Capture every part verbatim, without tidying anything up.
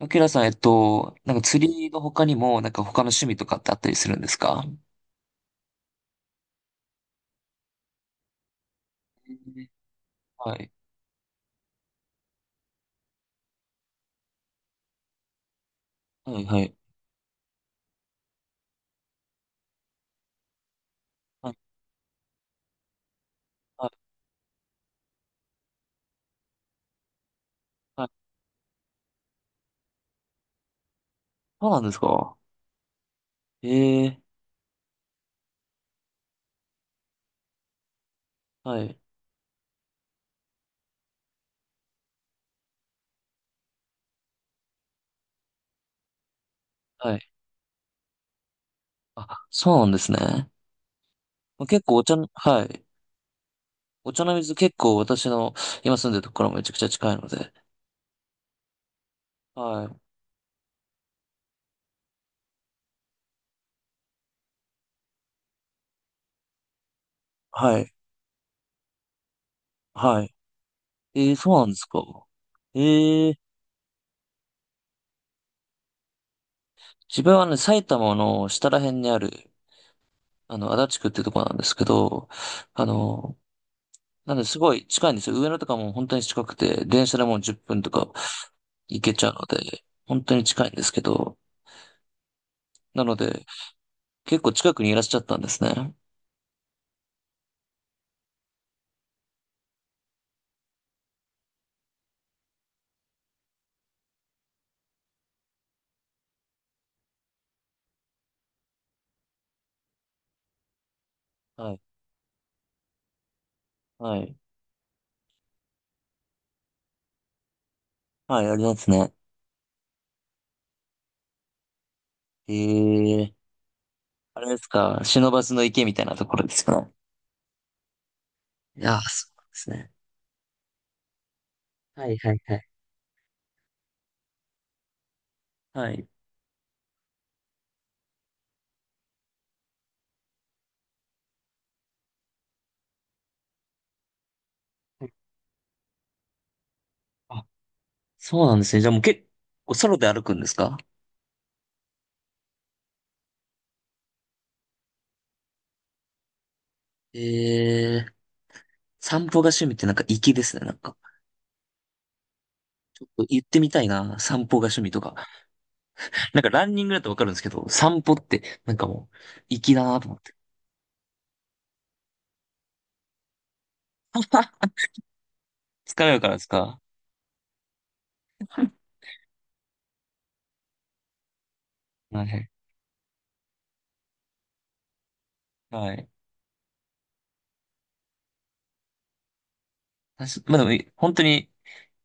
アキラさん、えっと、なんか釣りの他にも、なんか他の趣味とかってあったりするんですか？えーはい。はい、はい。はい、はい。はい。そうなんですか？ええ。はい、はい。あ、そうなんですね。まあ結構お茶の、はい。お茶の水、結構私の今住んでるところもめちゃくちゃ近いので。はい。はい。はい。ええ。そうなんですか？ええ、自分はね、埼玉の下ら辺にある、あの、足立区っていうところなんですけど、あの、なんで、すごい近いんですよ。上野とかも本当に近くて、電車でもうじゅっぷんとか行けちゃうので、本当に近いんですけど、なので、結構近くにいらっしゃったんですね。はい、はい、はい、ありますね。ええ、あれですか、忍ばずの池みたいなところですかね？いやー、そうなんですね。はい、はい、はい。はい。あ、そうなんですね。じゃあもう結構ソロで歩くんですか？ええ、散歩が趣味ってなんか粋ですね。なんか、言ってみたいな、散歩が趣味とか。なんかランニングだとわかるんですけど、散歩って、なんかもう、粋だなと思って。疲れるからですか？はい。はい。私、まあでも、い、本当に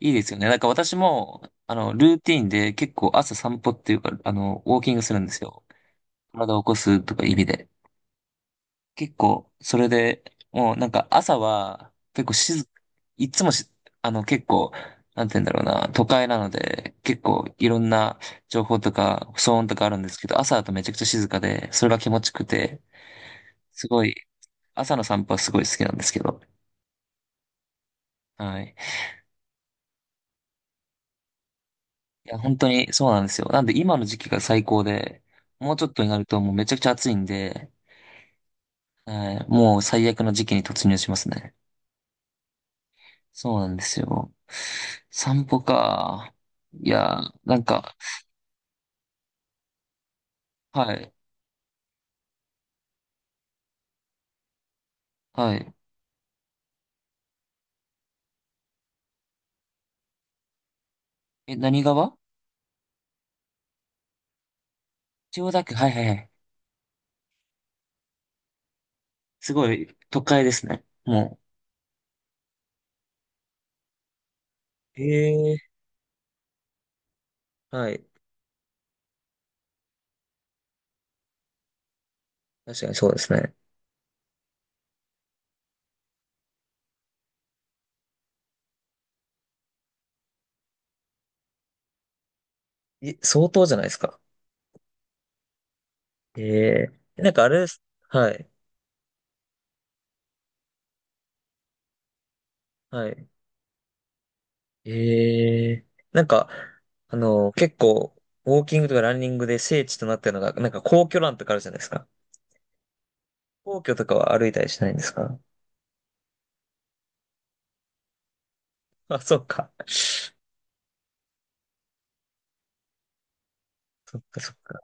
いいですよね。なんか私も、あの、ルーティンで結構朝散歩っていうか、あの、ウォーキングするんですよ。体を起こすとか意味で。結構、それで、もうなんか朝は、結構静、いつもし、あの結構、なんて言うんだろうな、都会なので、結構いろんな情報とか騒音とかあるんですけど、朝だとめちゃくちゃ静かで、それが気持ちよくて、すごい、朝の散歩はすごい好きなんですけど、はい。いや、本当にそうなんですよ。なんで今の時期が最高で、もうちょっとになるともうめちゃくちゃ暑いんで、はい、もう最悪の時期に突入しますね。そうなんですよ。散歩か。いやー、なんか、はい、はい。え、何川、千代田区、はいはいはい。すごい、都会ですね。もええ、はい。確かにそうですね。い、相当じゃないですか。ええ、なんかあれです。はい。はい。ええ、なんか、あの、結構、ウォーキングとかランニングで聖地となってるのが、なんか皇居ランとかあるじゃないですか。皇居とかは歩いたりしないんですか？あ、そっか。そっかそっか。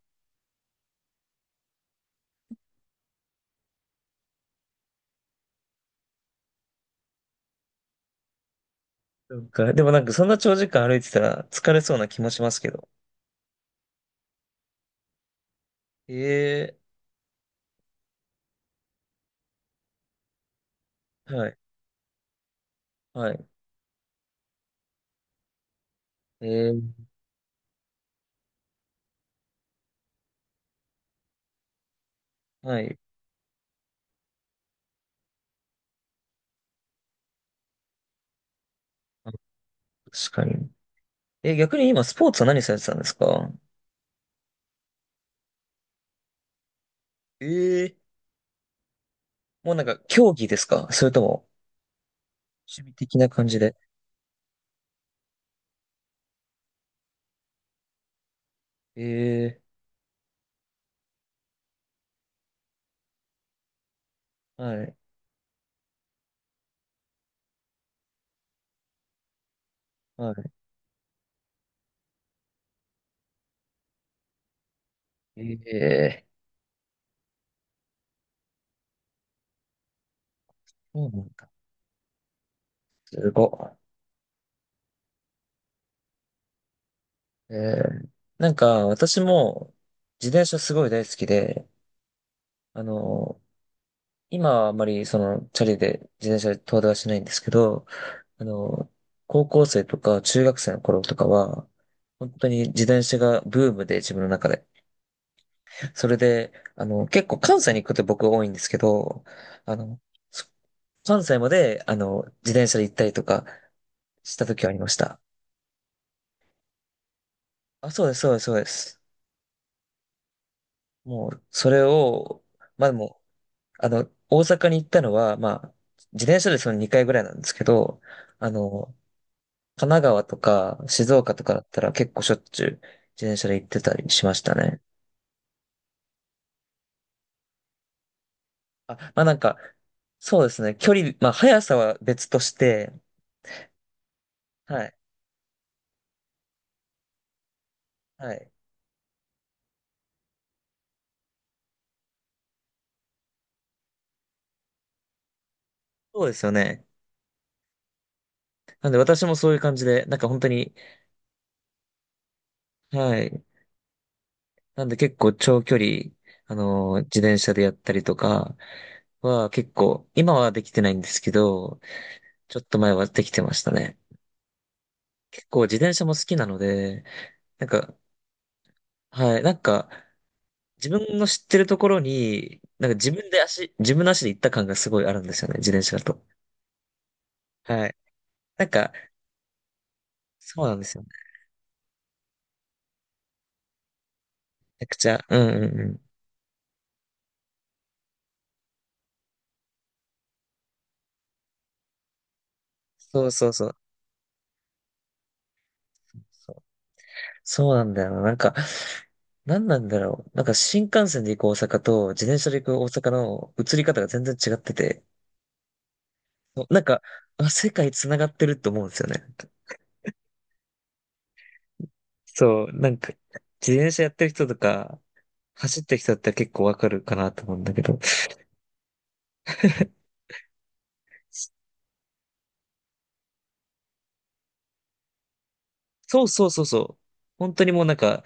そうか。でもなんかそんな長時間歩いてたら疲れそうな気もしますけど。ええ。はい。はい。ええ。はい。あ、確かに。え、逆に今スポーツは何されてたんですか？ええ。もうなんか競技ですか？それとも趣味的な感じで。ええ。はい。はい。ええ、そうなんだ。すごい。ええ、なんか私も自転車すごい大好きで、あの、今はあまりそのチャリで自転車で遠出はしないんですけど、あの、高校生とか中学生の頃とかは、本当に自転車がブームで自分の中で。それで、あの、結構関西に行くこと僕多いんですけど、あの、そ関西まで、あの、自転車で行ったりとかした時はありました。あ、そうです、そうです、そうです。もう、それを、まあでも、あの、大阪に行ったのは、まあ、自転車でそのにかいぐらいなんですけど、あの、神奈川とか静岡とかだったら結構しょっちゅう自転車で行ってたりしましたね。あ、まあなんか、そうですね。距離、まあ速さは別として、はい、はい。そうですよね。なんで私もそういう感じで、なんか本当に、はい。なんで結構長距離、あのー、自転車でやったりとかは結構、今はできてないんですけど、ちょっと前はできてましたね。結構自転車も好きなので、なんか、はい、なんか、自分の知ってるところに、なんか自分で足、自分の足で行った感がすごいあるんですよね、自転車だと。はい。なんか、そうなんですよね。めちゃくちゃ、うんうんうん。そうそうそう。そう、そうなんだよな。なんか、なんなんだろう。なんか新幹線で行く大阪と自転車で行く大阪の移り方が全然違ってて、なんか、あ、世界繋がってると思うんですよね。そう、なんか、自転車やってる人とか、走ってる人って結構わかるかなと思うんだけど、そうそうそうそう。本当にもうなんか、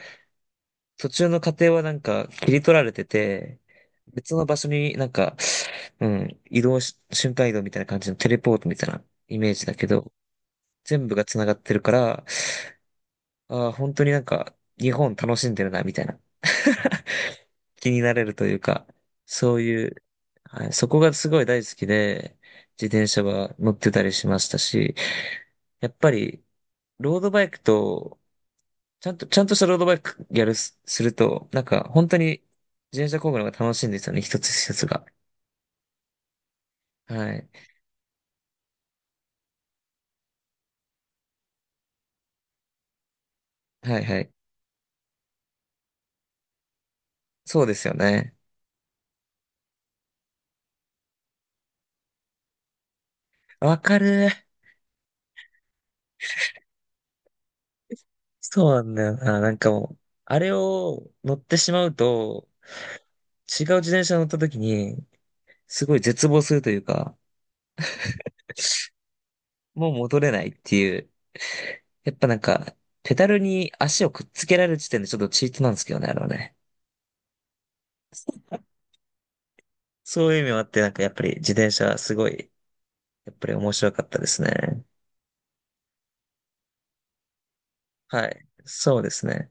途中の過程はなんか切り取られてて、別の場所になんか、うん、移動し、瞬間移動みたいな感じのテレポートみたいなイメージだけど、全部が繋がってるから、ああ、本当になんか、日本楽しんでるな、みたいな。気になれるというか、そういう、はい、そこがすごい大好きで、自転車は乗ってたりしましたし、やっぱり、ロードバイクとちゃんと、ちゃんとしたロードバイクやるす、すると、なんか、本当に自転車工具の方が楽しいんですよね、一つ一つが。はい。はいはい。そうですよね。わかる。そうなんだよな。なんかもう、あれを乗ってしまうと、違う自転車乗った時に、すごい絶望するというか、もう戻れないっていう。やっぱなんか、ペダルに足をくっつけられる時点でちょっとチートなんですけどね、あれはね。そういう意味もあって、なんかやっぱり自転車すごい、やっぱり面白かったですね。はい。そうですね。